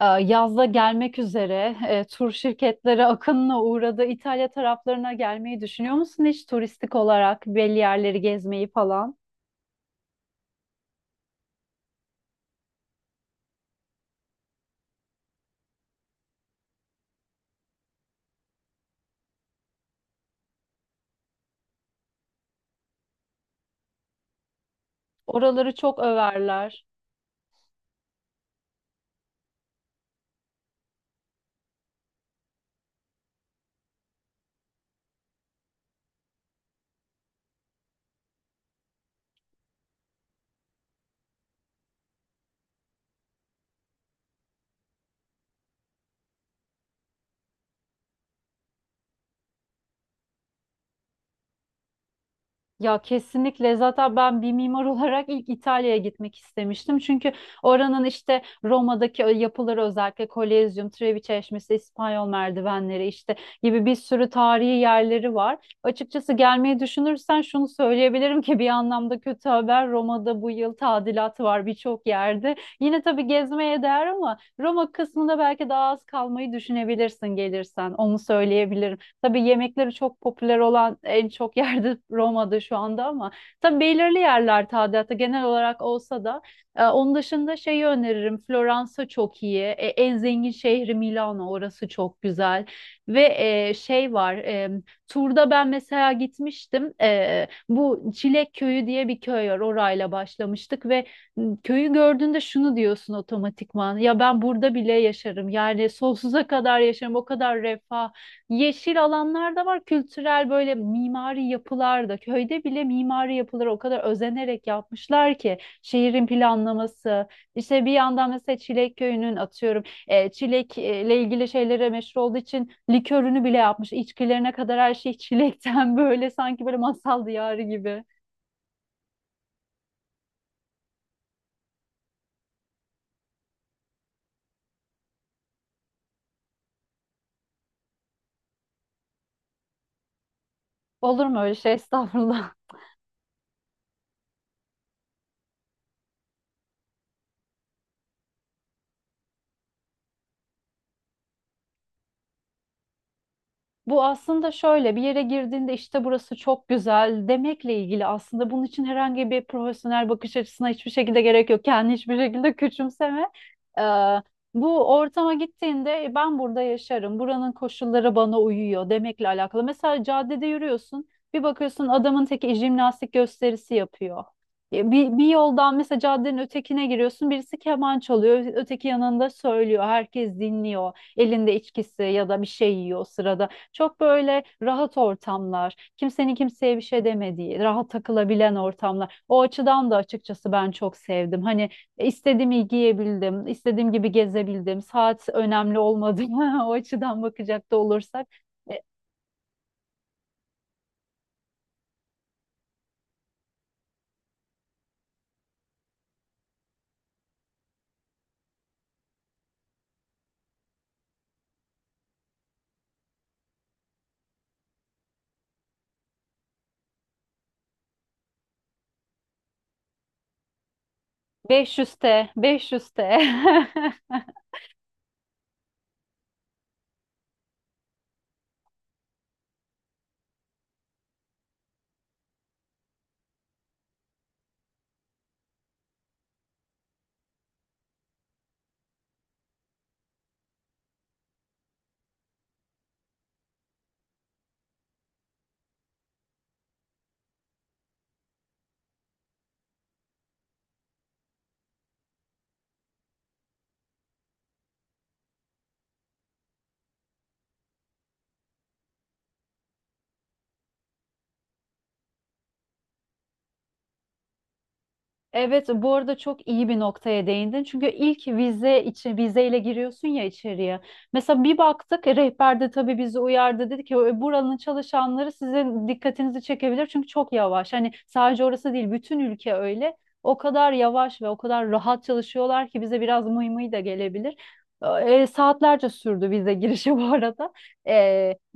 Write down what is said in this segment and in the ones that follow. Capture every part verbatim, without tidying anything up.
e, Yazda gelmek üzere e, tur şirketleri akınına uğradı. İtalya taraflarına gelmeyi düşünüyor musun hiç turistik olarak belli yerleri gezmeyi falan? Oraları çok överler. Ya kesinlikle zaten ben bir mimar olarak ilk İtalya'ya gitmek istemiştim. Çünkü oranın işte Roma'daki o yapıları özellikle Kolezyum, Trevi Çeşmesi, İspanyol merdivenleri işte gibi bir sürü tarihi yerleri var. Açıkçası gelmeyi düşünürsen şunu söyleyebilirim ki bir anlamda kötü haber Roma'da bu yıl tadilat var birçok yerde. Yine tabii gezmeye değer ama Roma kısmında belki daha az kalmayı düşünebilirsin gelirsen onu söyleyebilirim. Tabii yemekleri çok popüler olan en çok yerde Roma'da şu anda ama tabii belirli yerler tadilatı genel olarak olsa da e, onun dışında şeyi öneririm. Floransa çok iyi. E, en zengin şehri Milano, orası çok güzel. Ve e, şey var, e, turda ben mesela gitmiştim. E, bu Çilek Köyü diye bir köy var. Orayla başlamıştık ve köyü gördüğünde şunu diyorsun otomatikman. Ya ben burada bile yaşarım. Yani sonsuza kadar yaşarım. O kadar refah. Yeşil alanlar da var, kültürel böyle mimari yapılar da. Köyde bile mimari yapıları o kadar özenerek yapmışlar ki şehrin planlaması. İşte bir yandan mesela Çilek Köyü'nün, atıyorum, e, çilekle ilgili şeylere meşhur olduğu için likörünü bile yapmış. İçkilerine kadar her şey çilekten, böyle sanki böyle masal diyarı gibi. Olur mu öyle şey? Estağfurullah. Bu aslında şöyle, bir yere girdiğinde işte burası çok güzel demekle ilgili, aslında bunun için herhangi bir profesyonel bakış açısına hiçbir şekilde gerek yok. Kendini hiçbir şekilde küçümseme. Ee, Bu ortama gittiğinde "E, ben burada yaşarım, buranın koşulları bana uyuyor" demekle alakalı. Mesela caddede yürüyorsun, bir bakıyorsun adamın teki jimnastik gösterisi yapıyor. E, Bir, bir yoldan mesela caddenin ötekine giriyorsun, birisi keman çalıyor, öteki yanında söylüyor, herkes dinliyor, elinde içkisi ya da bir şey yiyor o sırada. Çok böyle rahat ortamlar, kimsenin kimseye bir şey demediği, rahat takılabilen ortamlar. O açıdan da açıkçası ben çok sevdim. Hani istediğimi giyebildim, istediğim gibi gezebildim. Saat önemli olmadı. O açıdan bakacak da olursak. E, beş yüz te, beş yüz te. Evet, bu arada çok iyi bir noktaya değindin. Çünkü ilk vize için, vizeyle giriyorsun ya içeriye. Mesela bir baktık, e, rehber de tabii bizi uyardı, dedi ki "E, buranın çalışanları sizin dikkatinizi çekebilir çünkü çok yavaş. Hani sadece orası değil, bütün ülke öyle. O kadar yavaş ve o kadar rahat çalışıyorlar ki bize biraz mıy mıy da gelebilir. E, saatlerce sürdü vize girişi bu arada. E,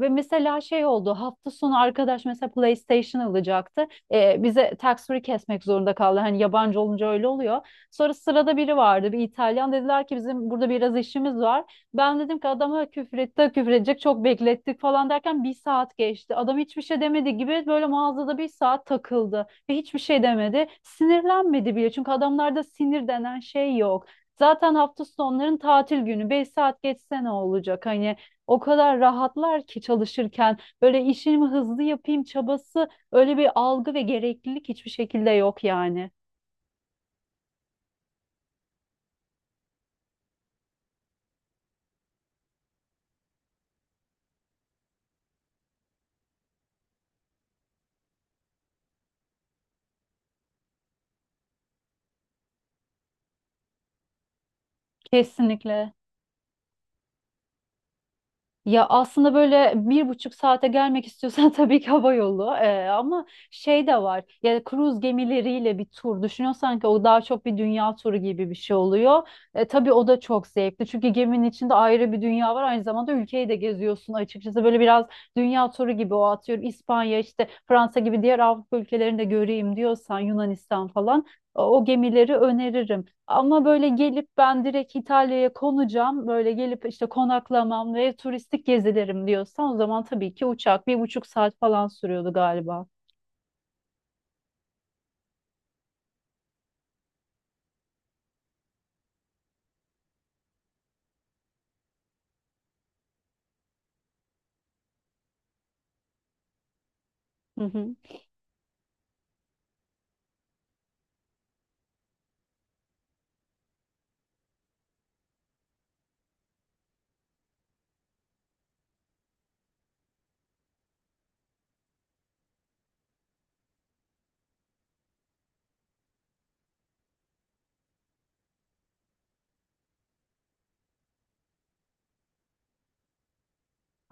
Ve mesela şey oldu, hafta sonu arkadaş mesela PlayStation alacaktı, e, bize tax free kesmek zorunda kaldı. Hani yabancı olunca öyle oluyor. Sonra sırada biri vardı, bir İtalyan, dediler ki bizim burada biraz işimiz var. Ben dedim ki adama küfür etti, küfür edecek, çok beklettik falan derken bir saat geçti. Adam hiçbir şey demedi, gibi böyle mağazada bir saat takıldı ve hiçbir şey demedi. Sinirlenmedi bile, çünkü adamlarda sinir denen şey yok. Zaten hafta sonların tatil günü, beş saat geçse ne olacak, hani o kadar rahatlar ki çalışırken böyle işimi hızlı yapayım çabası, öyle bir algı ve gereklilik hiçbir şekilde yok yani. Kesinlikle. Ya aslında böyle bir buçuk saate gelmek istiyorsan tabii ki hava yolu. Ee, ama şey de var. Ya kruz gemileriyle bir tur düşünüyorsan, ki o daha çok bir dünya turu gibi bir şey oluyor. E, tabii o da çok zevkli. Çünkü geminin içinde ayrı bir dünya var. Aynı zamanda ülkeyi de geziyorsun açıkçası. Böyle biraz dünya turu gibi o, atıyorum. İspanya işte, Fransa gibi diğer Avrupa ülkelerini de göreyim diyorsan, Yunanistan falan, o o gemileri öneririm. Ama böyle gelip ben direkt İtalya'ya konacağım, böyle gelip işte konaklamam ve turistik gezilerim diyorsan, o zaman tabii ki uçak, bir buçuk saat falan sürüyordu galiba. Hı hı.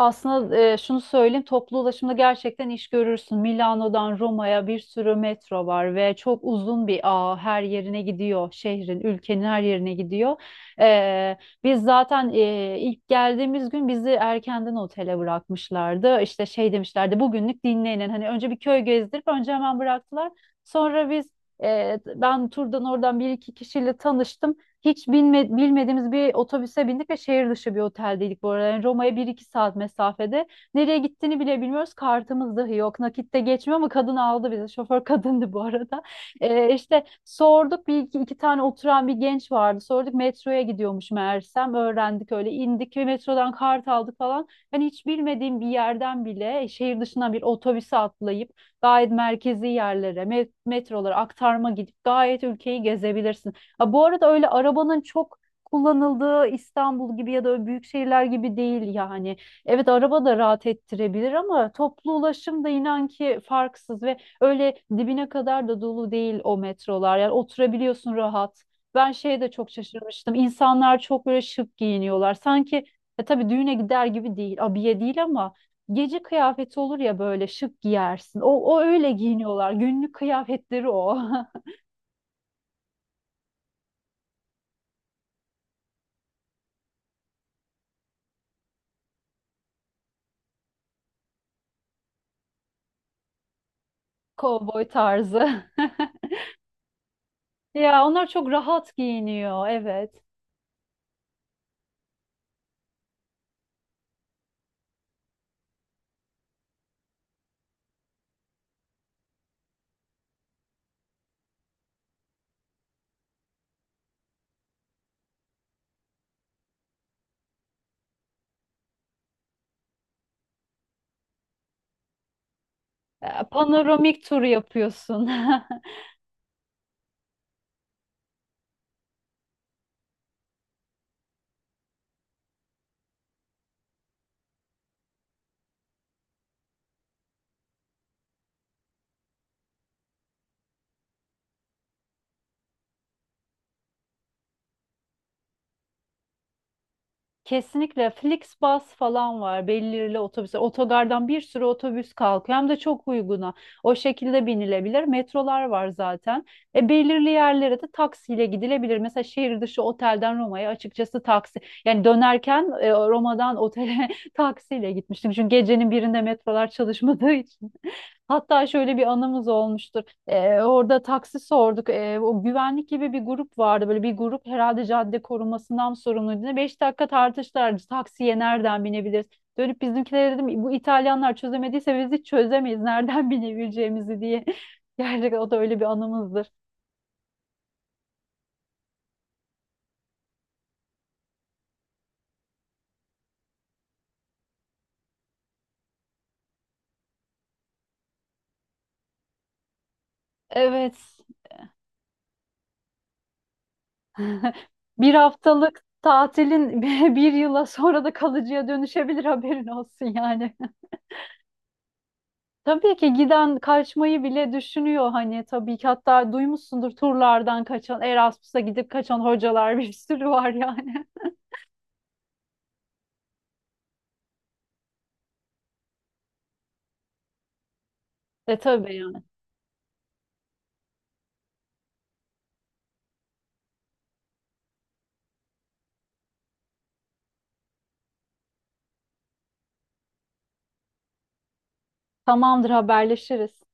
Aslında e, şunu söyleyeyim, toplu ulaşımda gerçekten iş görürsün. Milano'dan Roma'ya bir sürü metro var ve çok uzun bir ağ, her yerine gidiyor. Şehrin, ülkenin her yerine gidiyor. E, Biz zaten e, ilk geldiğimiz gün bizi erkenden otele bırakmışlardı. İşte şey demişlerdi, bugünlük dinlenin. Hani önce bir köy gezdirip, önce hemen bıraktılar. Sonra biz, e, ben turdan oradan bir iki kişiyle tanıştım. Hiç bilme- bilmediğimiz bir otobüse bindik ve şehir dışı bir oteldeydik bu arada. Yani Roma'ya bir iki saat mesafede. Nereye gittiğini bile bilmiyoruz. Kartımız dahi yok. Nakitte geçmiyor ama kadın aldı bizi. Şoför kadındı bu arada. Ee, işte sorduk, bir iki, iki tane oturan bir genç vardı. Sorduk, metroya gidiyormuş meğersem. Öğrendik, öyle indik ve metrodan kart aldık falan. Hani hiç bilmediğim bir yerden bile e, şehir dışına bir otobüse atlayıp gayet merkezi yerlere, me- metrolara aktarma gidip gayet ülkeyi gezebilirsin. Ha, bu arada öyle arabanın çok kullanıldığı İstanbul gibi ya da öyle büyük şehirler gibi değil yani. Evet, araba da rahat ettirebilir ama toplu ulaşım da inan ki farksız, ve öyle dibine kadar da dolu değil o metrolar. Yani oturabiliyorsun rahat. Ben şeye de çok şaşırmıştım. İnsanlar çok böyle şık giyiniyorlar. Sanki, e, tabii düğüne gider gibi değil, abiye değil, ama gece kıyafeti olur ya böyle şık giyersin. O, o öyle giyiniyorlar. Günlük kıyafetleri o. Kovboy tarzı. Ya onlar çok rahat giyiniyor, evet. E, Panoramik tur yapıyorsun. Kesinlikle, Flixbus falan var. Belirli otobüsler. Otogardan bir sürü otobüs kalkıyor. Hem de çok uyguna. O şekilde binilebilir. Metrolar var zaten. E, belirli yerlere de taksiyle gidilebilir. Mesela şehir dışı otelden Roma'ya açıkçası taksi. Yani dönerken, e, Roma'dan otele taksiyle gitmiştim. Çünkü gecenin birinde metrolar çalışmadığı için. Hatta şöyle bir anımız olmuştur. Ee, orada taksi sorduk. Ee, o güvenlik gibi bir grup vardı. Böyle bir grup herhalde cadde korumasından sorumluydu. Ne, beş dakika tartıştılar. Taksiye nereden binebiliriz? Dönüp bizimkilere dedim, bu İtalyanlar çözemediyse biz hiç çözemeyiz, nereden binebileceğimizi diye. Gerçekten o da öyle bir anımızdır. Evet. Bir haftalık tatilin bir yıla, sonra da kalıcıya dönüşebilir, haberin olsun yani. Tabii ki giden kaçmayı bile düşünüyor hani, tabii ki, hatta duymuşsundur, turlardan kaçan, Erasmus'a gidip kaçan hocalar bir sürü var yani. E tabii yani. Tamamdır, haberleşiriz.